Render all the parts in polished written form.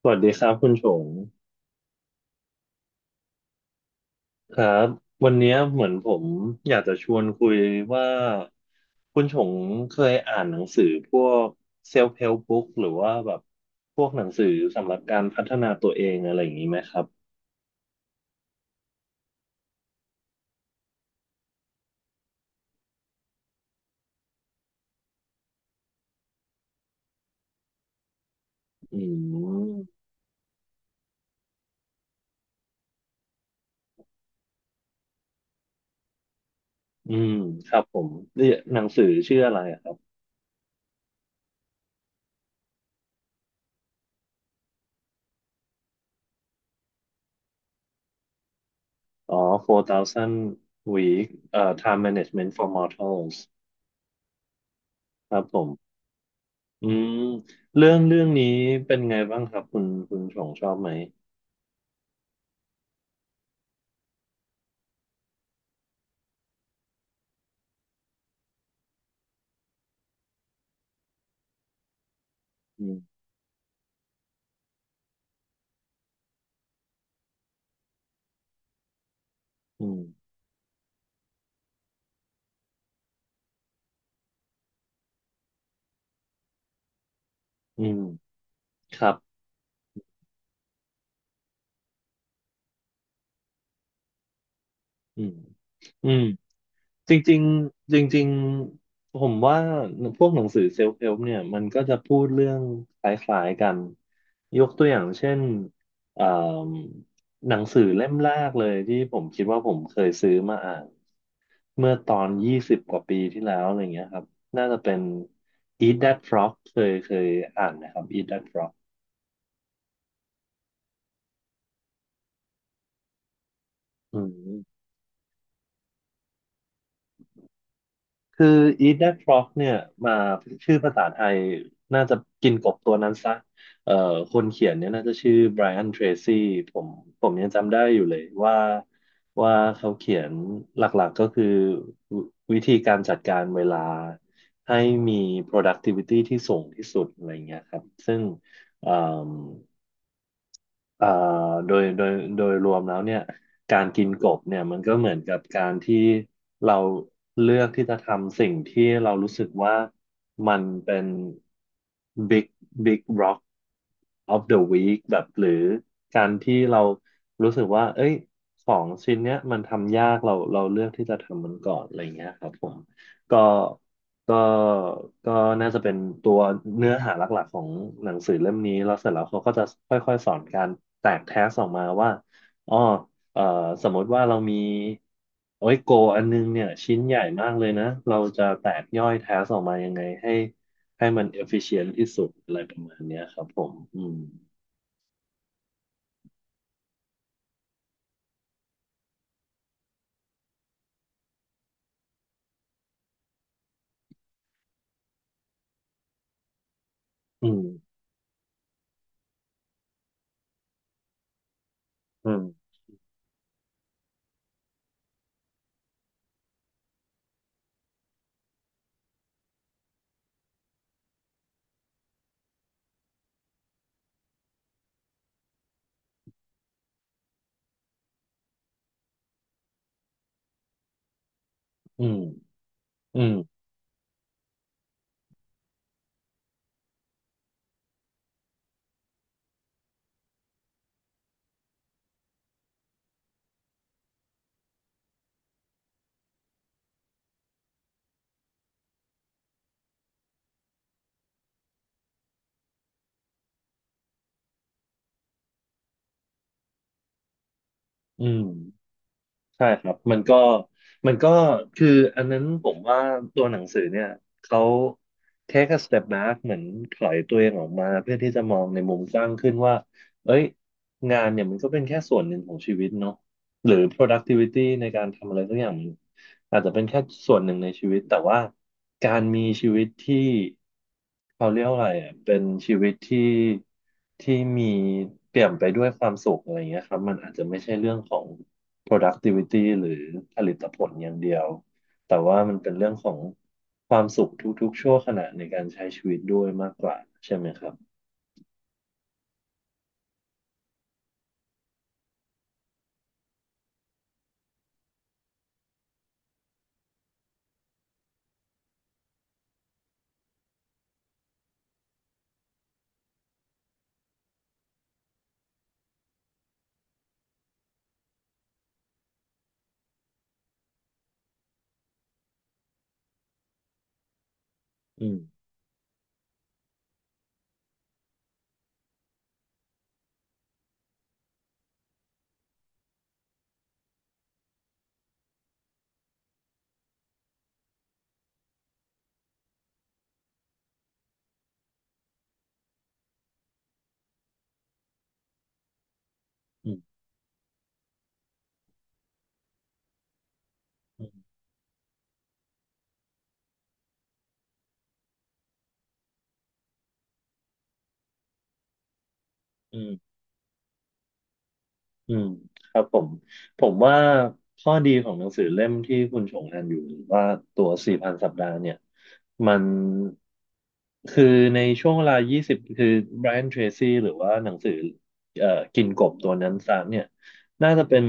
สวัสดีครับคุณชงครับวันเนี้ยเหมือนผมอยากจะชวนคุยว่าคุณชงเคยอ่านหนังสือพวก self help book หรือว่าแบบพวกหนังสือสำหรับการพัฒนาตัวเองอะไรอย่างนี้ไหมครับอืมอืมครับผมนี่หนังสือชื่ออะไรอะครับอ๋อ4,000 week time management for mortals ครับผมอืมเรื่องนี้เป็นไงบ้างครับคุณชงชอบไหมอืม อืมครับอืมอืมจริงๆจริงๆผมว่าพวกหนังสือเซลฟ์เ l ลเนี่ยมันก็จะพูดเรื่องคล้ายๆกัน ยกตัวอย่างเช่นเอ่อหนังสือเล่มแรกเลยที่ผมคิดว่าผมเคยซื้อมาอ่านเมื่อตอน20 กว่าปีที่แล้วอะไรเงี้ยครับน่าจะเป็น Eat That Frog เคยอ่านนะครับ Eat That Frog อืม คือ Eat That Frog เนี่ยมาชื่อภาษาไทยน่าจะกินกบตัวนั้นซะเอ่อคนเขียนเนี่ยน่าจะชื่อไบรอันเทรซี่ผมผมยังจำได้อยู่เลยว่าเขาเขียนหลักๆก็คือววิธีการจัดการเวลาให้มี productivity ที่สูงที่สุดอะไรเงี้ยครับซึ่ง เอ่อโดยโดยโดยรวมแล้วเนี่ยการกินกบเนี่ยมันก็เหมือนกับการที่เราเลือกที่จะทำสิ่งที่เรารู้สึกว่ามันเป็น big big rock of the week แบบหรือการที่เรารู้สึกว่าเอ้ยของชิ้นเนี้ยมันทำยากเราเลือกที่จะทำมันก่อนอะไรเงี้ยครับผมก็ ก็ก็น่าจะเป็นตัวเนื้อหาหลักๆของหนังสือเล่มนี้แล้วเสร็จแล้วเขาก็จะค่อยๆสอนการแตกแทสออกมาว่าอ๋อเอ่อสมมติว่าเรามีโอ้ยโกอันนึงเนี่ยชิ้นใหญ่มากเลยนะเราจะแตกย่อยแท์ออกมายังไงให้มัน efficient ที่สุดอะไรประมาณเนี้ยครับผมอืมอืมอืมอืมอืมอืม ใช่ครับมันก็คืออันนั้นผมว่าตัวหนังสือเนี่ยเขา take a step back เหมือนถอยตัวเองออกมาเพื่อที่จะมองในมุมกว้างขึ้นว่าเอ้ยงานเนี่ยมันก็เป็นแค่ส่วนหนึ่งของชีวิตเนาะหรือ productivity ในการทำอะไรสักอย่างมันอาจจะเป็นแค่ส่วนหนึ่งในชีวิตแต่ว่าการมีชีวิตที่เขาเรียกว่าอะไรอ่ะเป็นชีวิตที่มีเปี่ยมไปด้วยความสุขอะไรอย่างเงี้ยครับมันอาจจะไม่ใช่เรื่องของ productivity หรือผลิตผลอย่างเดียว แต่ว่ามันเป็นเรื่องของความสุขทุกๆชั่วขณะในการใช้ชีวิตด้วยมากกว่าใช่ไหมครับอืมอืมอืมอืม อืมครับผมผมว่าข้อดีของหนังสือเล่มที่คุณชงอ่านอยู่หรือว่าตัวสี่พันสัปดาห์เนี่ยมันคือในช่วงเวลา20 คือ b บร a n t เทรซี่หรือว่าหนังสือเอ่อกินกบตัวนั้นซามเนี่ยน่าจะเป็น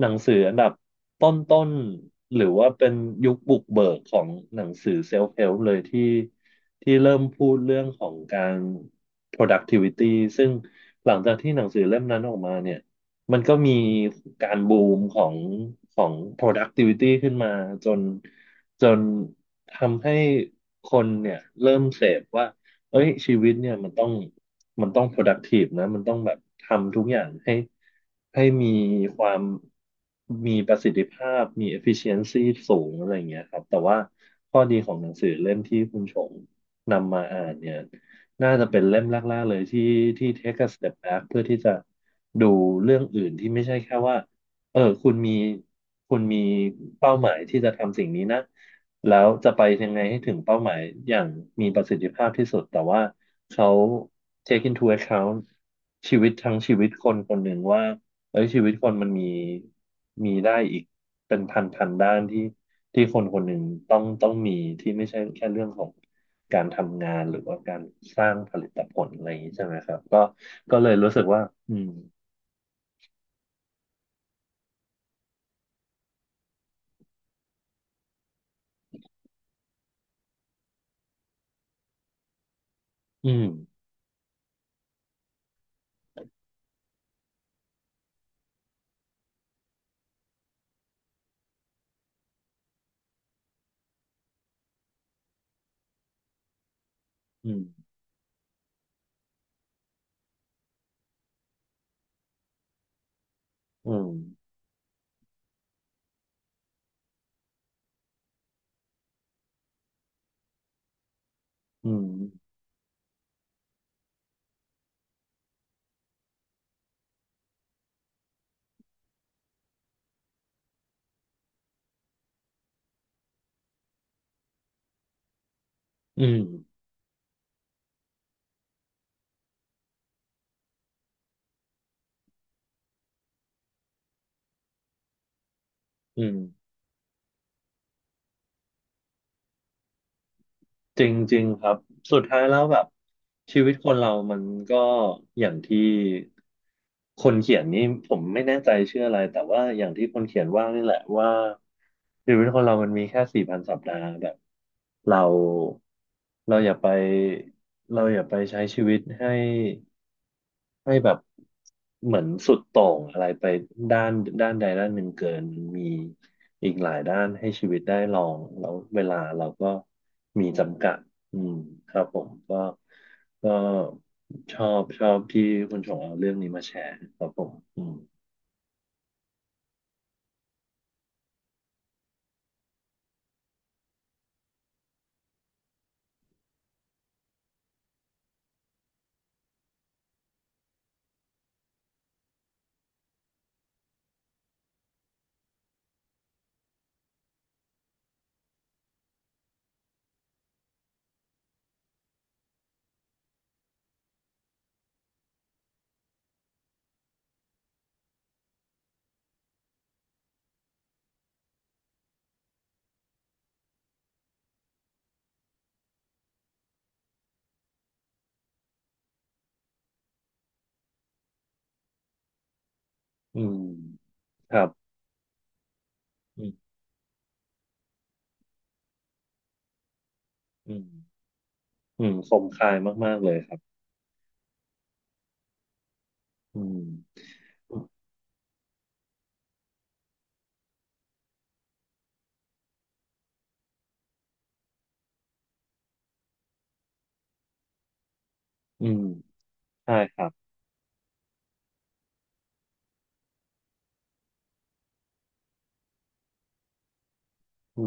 หนังสืออันดับต้นๆหรือว่าเป็นยุคบุกเบิกของหนังสือเซลฟ์เ l ลเลยที่เริ่มพูดเรื่องของการ productivity ซึ่งหลังจากที่หนังสือเล่มนั้นออกมาเนี่ย มันก็มีการบูมของของ productivity ขึ้นมาจนจนทำให้คนเนี่ยเริ่มเสพว่าเอ้ยชีวิตเนี่ยมันต้อง productive นะมันต้องแบบทำทุกอย่างให้มีความมีประสิทธิภาพมี efficiency สูงอะไรอย่างเงี้ยครับแต่ว่าข้อดีของหนังสือเล่มที่คุณชงนำมาอ่านเนี่ย น่าจะเป็นเล่มแรกๆเลยที่take a step back เพื่อที่จะดูเรื่องอื่นที่ไม่ใช่แค่ว่าเออคุณมีเป้าหมายที่จะทำสิ่งนี้นะแล้วจะไปยังไงให้ถึงเป้าหมายอย่างมีประสิทธิภาพที่สุดแต่ว่าเขา take into account ชีวิตทั้งชีวิตคนคนหนึ่งว่าเอ้ยชีวิตคนมันมีได้อีกเป็นพันพันด้านที่ คนคนหนึ่งต้องมีที่ไม่ใช่แค่เรื่องของการทำงานหรือว่าการสร้างผลิตผลอะไรอย่างนี้ใช่ไหมครับก็เลยรู้สึกว่าอืมอืมอืมอืมอืมอืมอืม จริงๆครับสุดท้ายแล้วแบบชีวิตคนเรามันก็อย่างที่คนเขียนนี่ผมไม่แน่ใจชื่ออะไรแต่ว่าอย่างที่คนเขียนว่านี่แหละว่าชีวิตคนเรามันมีแค่สี่พันสัปดาห์แบบเราเราอย่าไปเราอย่าไปใช้ชีวิตให้ แบบเหมือนสุดโต่งอะไรไปด้านด้านใดด้านหนึ่งเกินมีอีกหลายด้านให้ชีวิตได้ลองแล้วเวลาเราก็มีจำกัดอืมครับผมก็ก็ชอบที่คุณชงเอาเรื่องนี้มาแชร์ครับผมอืมอืมครับอืมอืมอืมคมคายมากๆเลยครับอืมอืมใช่ครับ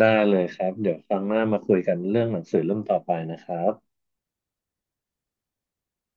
ได้เลยครับเดี๋ยวครั้งหน้ามาคุยกันเรื่องหนังสือเรื่องต่อไปนะครับ